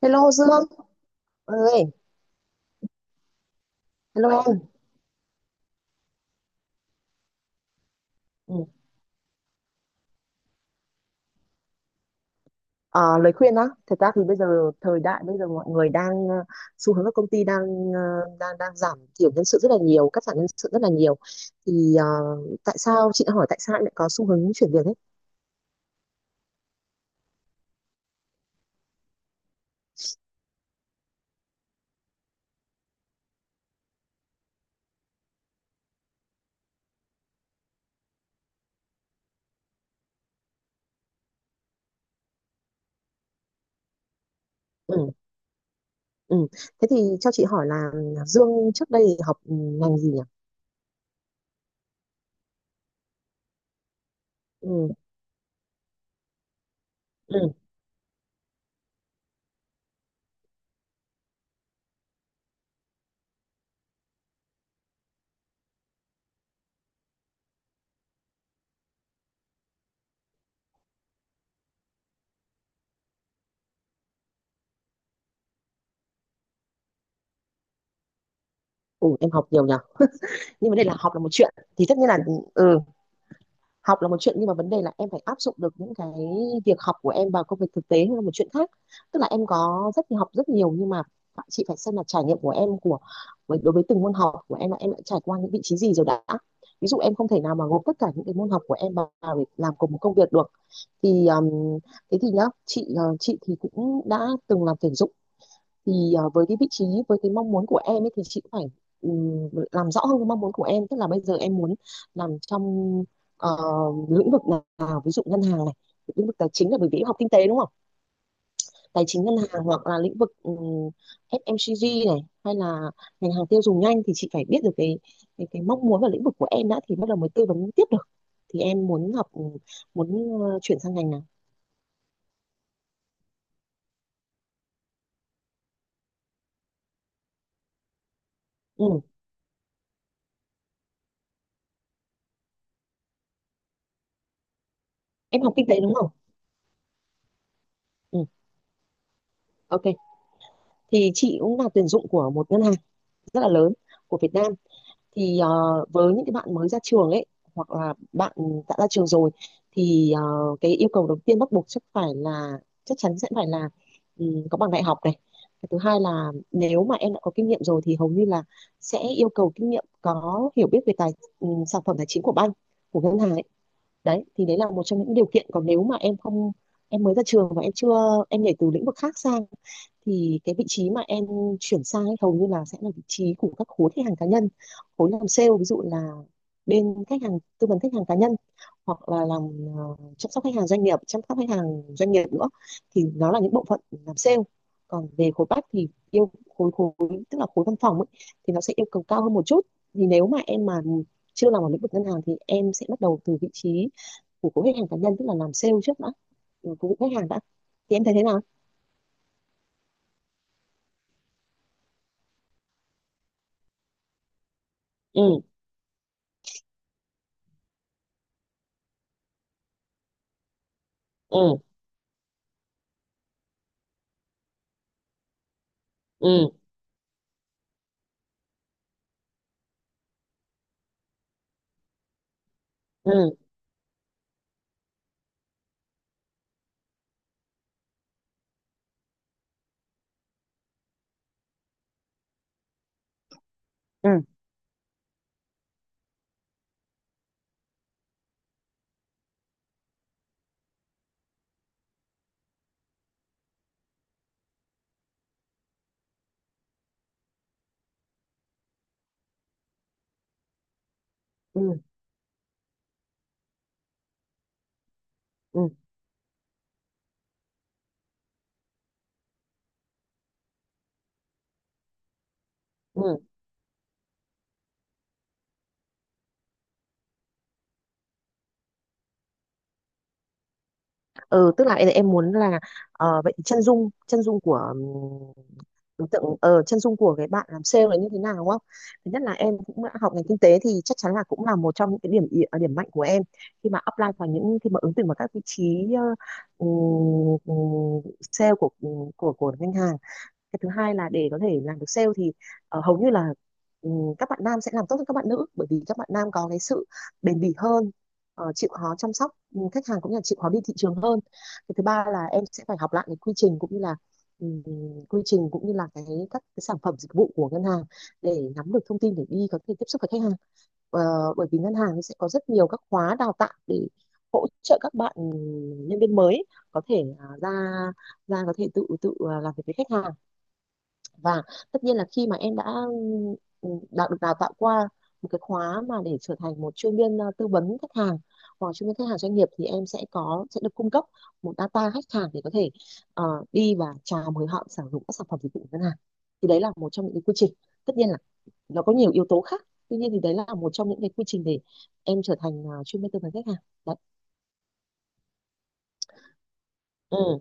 Hello Dương ơi, hello em. Ừ. Ờ, Lời khuyên á, thật ra thì bây giờ thời đại bây giờ mọi người đang xu hướng các công ty đang ờ, đang đang giảm thiểu nhân sự rất là nhiều, cắt giảm nhân sự rất là nhiều. Thì ờ, Tại sao chị đã hỏi tại sao em lại có xu hướng chuyển việc ấy? Ừ, ừ. Thế thì cho chị hỏi là Dương trước đây học ngành gì nhỉ? Ừ, ừ. Ừ, em học nhiều nhỉ. Nhưng vấn đề là học là một chuyện thì tất nhiên là ừ học là một chuyện, nhưng mà vấn đề là em phải áp dụng được những cái việc học của em vào công việc thực tế là một chuyện khác. Tức là em có rất nhiều học rất nhiều, nhưng mà chị phải xem là trải nghiệm của em của đối với từng môn học của em là em đã trải qua những vị trí gì rồi đã. Ví dụ em không thể nào mà gộp tất cả những cái môn học của em vào để làm cùng một công việc được. Thì Thế thì nhá, chị chị thì cũng đã từng làm tuyển dụng, thì với cái vị trí, với cái mong muốn của em ấy, thì chị cũng phải làm rõ hơn cái mong muốn của em, tức là bây giờ em muốn làm trong ờ, lĩnh vực nào, ví dụ ngân hàng này, lĩnh vực tài chính, là bởi vì em học kinh tế đúng không, tài chính ngân hàng, hoặc là lĩnh vực FMCG này, hay là ngành hàng tiêu dùng nhanh. Thì chị phải biết được cái cái mong muốn và lĩnh vực của em đã, thì bắt đầu mới tư vấn tiếp được. Thì em muốn học, muốn chuyển sang ngành nào? Ừ. Em học kinh tế đúng không? Ừ. Ok, thì chị cũng là tuyển dụng của một ngân hàng rất là lớn của Việt Nam. Thì với những cái bạn mới ra trường ấy, hoặc là bạn đã ra trường rồi, thì cái yêu cầu đầu tiên bắt buộc chắc chắn sẽ phải là có bằng đại học này. Cái thứ hai là nếu mà em đã có kinh nghiệm rồi thì hầu như là sẽ yêu cầu kinh nghiệm, có hiểu biết về tài sản phẩm tài chính của bank, của ngân hàng ấy. Đấy thì đấy là một trong những điều kiện. Còn nếu mà em không em mới ra trường và em chưa em nhảy từ lĩnh vực khác sang, thì cái vị trí mà em chuyển sang ấy, hầu như là sẽ là vị trí của các khối khách hàng cá nhân, khối làm sale, ví dụ là bên khách hàng, tư vấn khách hàng cá nhân, hoặc là làm chăm sóc khách hàng doanh nghiệp, nữa. Thì nó là những bộ phận làm sale. Còn về khối back thì yêu khối khối tức là khối văn phòng ấy, thì nó sẽ yêu cầu cao hơn một chút. Thì nếu mà em chưa làm ở lĩnh vực ngân hàng thì em sẽ bắt đầu từ vị trí của khối khách hàng cá nhân, tức là làm sale trước đã, của khách hàng đã. Thì em thấy thế nào? Ừ ừ ừ ừ ừ ừ ừ ừ ừ Tức là em muốn là vậy thì chân dung của đối tượng, chân dung của cái bạn làm sale là như thế nào đúng không. Thứ nhất là em cũng đã học ngành kinh tế thì chắc chắn là cũng là một trong những cái điểm mạnh của em khi mà apply vào những khi mà ứng tuyển vào các vị trí ừm, ừm, sale của của ngân hàng. Cái thứ hai là để có thể làm được sale thì hầu như là ừ, các bạn nam sẽ làm tốt hơn các bạn nữ, bởi vì các bạn nam có cái sự bền bỉ hơn, chịu khó chăm sóc khách hàng, cũng như là chịu khó đi thị trường hơn. Cái thứ ba là em sẽ phải học lại cái quy trình cũng như là ừ, cái các cái sản phẩm dịch vụ của ngân hàng để nắm được thông tin để đi có thể tiếp xúc với khách hàng. Ờ, bởi vì ngân hàng sẽ có rất nhiều các khóa đào tạo để hỗ trợ các bạn nhân viên mới có thể à, ra ra có thể tự tự làm việc với khách hàng. Và tất nhiên là khi mà em đã đã được đào tạo qua một cái khóa mà để trở thành một chuyên viên tư vấn khách hàng hoặc chuyên viên khách hàng doanh nghiệp, thì em sẽ được cung cấp một data khách hàng để có thể ờ, đi và chào mời họ sử dụng các sản phẩm dịch vụ của ngân hàng. Thì đấy là một trong những cái quy trình, tất nhiên là nó có nhiều yếu tố khác, tuy nhiên thì đấy là một trong những cái quy trình để em trở thành chuyên viên tư vấn khách hàng. Đấy. Ừ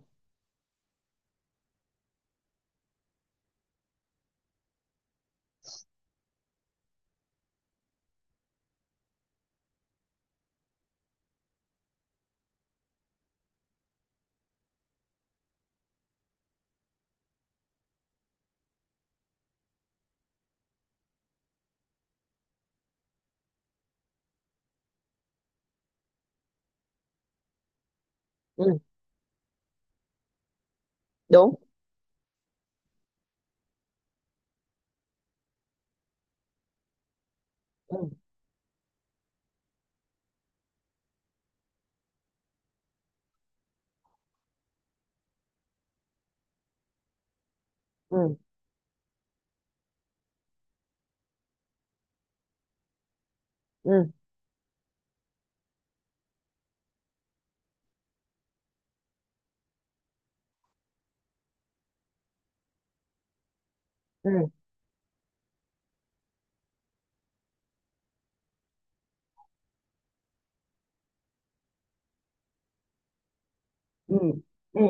ừ đúng ừ ừ ừ ừ ừ ừ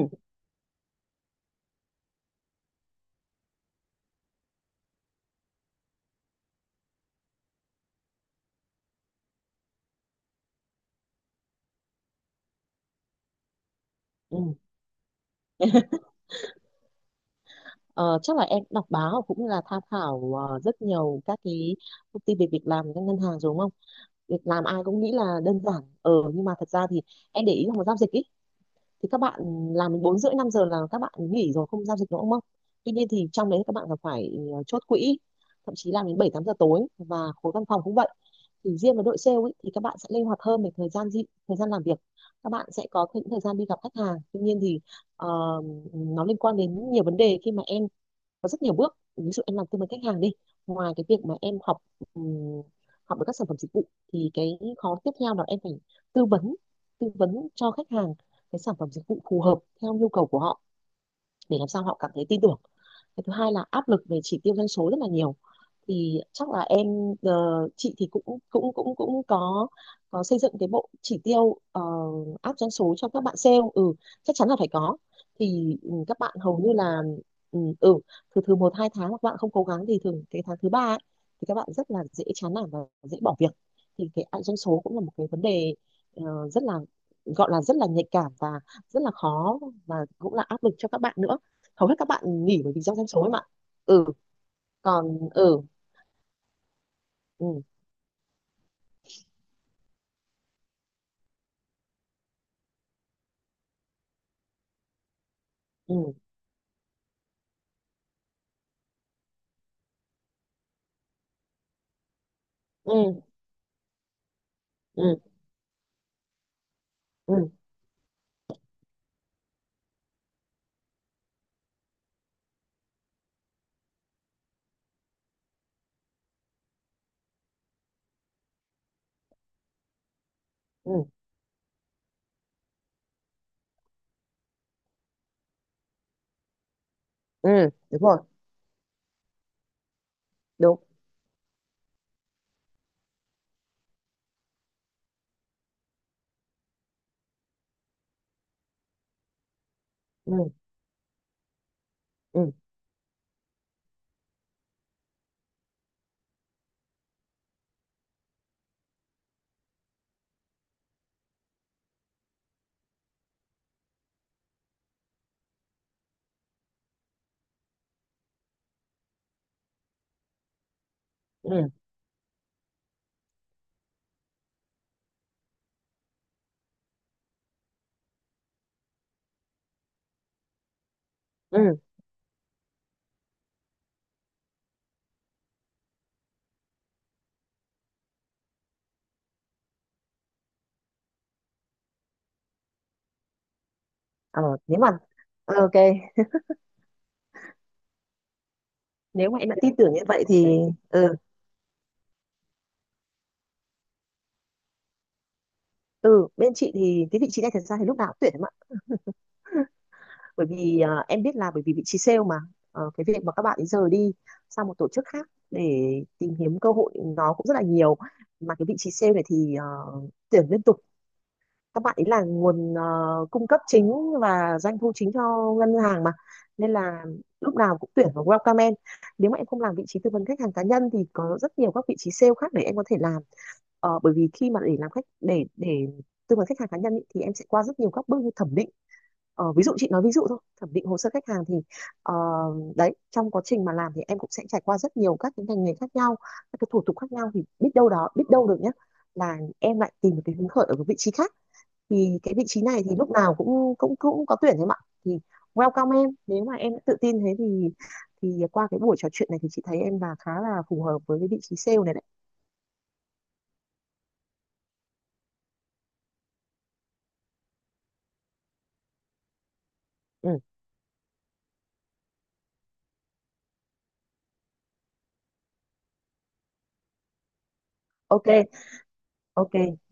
ừ Ờ, chắc là em đọc báo cũng như là tham khảo rất nhiều các cái thông tin về việc làm của các ngân hàng rồi đúng không? Việc làm ai cũng nghĩ là đơn giản. Ờ, nhưng mà thật ra thì em để ý là một giao dịch ý, thì các bạn làm đến 4 rưỡi 5 giờ là các bạn nghỉ rồi, không giao dịch nữa đúng không? Tuy nhiên thì trong đấy các bạn còn phải chốt quỹ, thậm chí làm đến 7 8 giờ tối, và khối văn phòng cũng vậy. Thì riêng với đội sale ý, thì các bạn sẽ linh hoạt hơn về thời gian làm việc. Các bạn sẽ có những thời gian đi gặp khách hàng. Tuy nhiên thì ờ, nó liên quan đến nhiều vấn đề, khi mà em có rất nhiều bước, ví dụ em làm tư vấn khách hàng đi, ngoài cái việc mà em học ừm, học được các sản phẩm dịch vụ, thì cái khó tiếp theo là em phải tư vấn tư vấn cho khách hàng cái sản phẩm dịch vụ phù hợp theo nhu cầu của họ, để làm sao họ cảm thấy tin tưởng. Cái thứ hai là áp lực về chỉ tiêu doanh số rất là nhiều. Thì chắc là chị thì cũng cũng cũng cũng có xây dựng cái bộ chỉ tiêu áp doanh số cho các bạn sale, ừ, chắc chắn là phải có. Thì ừ, các bạn hầu như là ừ, ừ từ từ một hai tháng mà các bạn không cố gắng thì thường cái tháng thứ ba ấy, thì các bạn rất là dễ chán nản và dễ bỏ việc. Thì cái áp doanh số cũng là một cái vấn đề rất là, gọi là rất là nhạy cảm và rất là khó, và cũng là áp lực cho các bạn nữa. Hầu hết các bạn nghỉ bởi vì do doanh số ấy mà. Ừ còn ừ ừ ừ ừ ừ ừ ừ ừ Đúng rồi. Đúng ừ ừ ừ ừ ờ Nếu mà ok, nếu mà em đã tin tưởng như vậy thì ừ ừ bên chị thì cái vị trí này thật ra thì lúc nào cũng tuyển em ạ. Bởi vì em biết là bởi vì vị trí sale mà. Ờ, cái việc mà các bạn ấy rời đi sang một tổ chức khác để tìm kiếm cơ hội nó cũng rất là nhiều, mà cái vị trí sale này thì tuyển liên tục. Các bạn ấy là nguồn cung cấp chính và doanh thu chính cho ngân hàng mà, nên là lúc nào cũng tuyển vào, welcome em. Nếu mà em không làm vị trí tư vấn khách hàng cá nhân thì có rất nhiều các vị trí sale khác để em có thể làm. Ờ, bởi vì khi mà để tư vấn khách hàng cá nhân ý, thì em sẽ qua rất nhiều các bước như thẩm định. Ờ, ví dụ chị nói ví dụ thôi, thẩm định hồ sơ khách hàng thì ờ, đấy, trong quá trình mà làm thì em cũng sẽ trải qua rất nhiều các cái ngành nghề khác nhau, các cái thủ tục khác nhau, thì biết đâu được nhé, là em lại tìm được cái hứng khởi ở một vị trí khác. Thì cái vị trí này thì lúc nào cũng cũng cũng có tuyển em ạ. Thì welcome em, nếu mà em đã tự tin thế thì qua cái buổi trò chuyện này thì chị thấy em là khá là phù hợp với cái vị trí sale này đấy. Ừ, ok. Ok.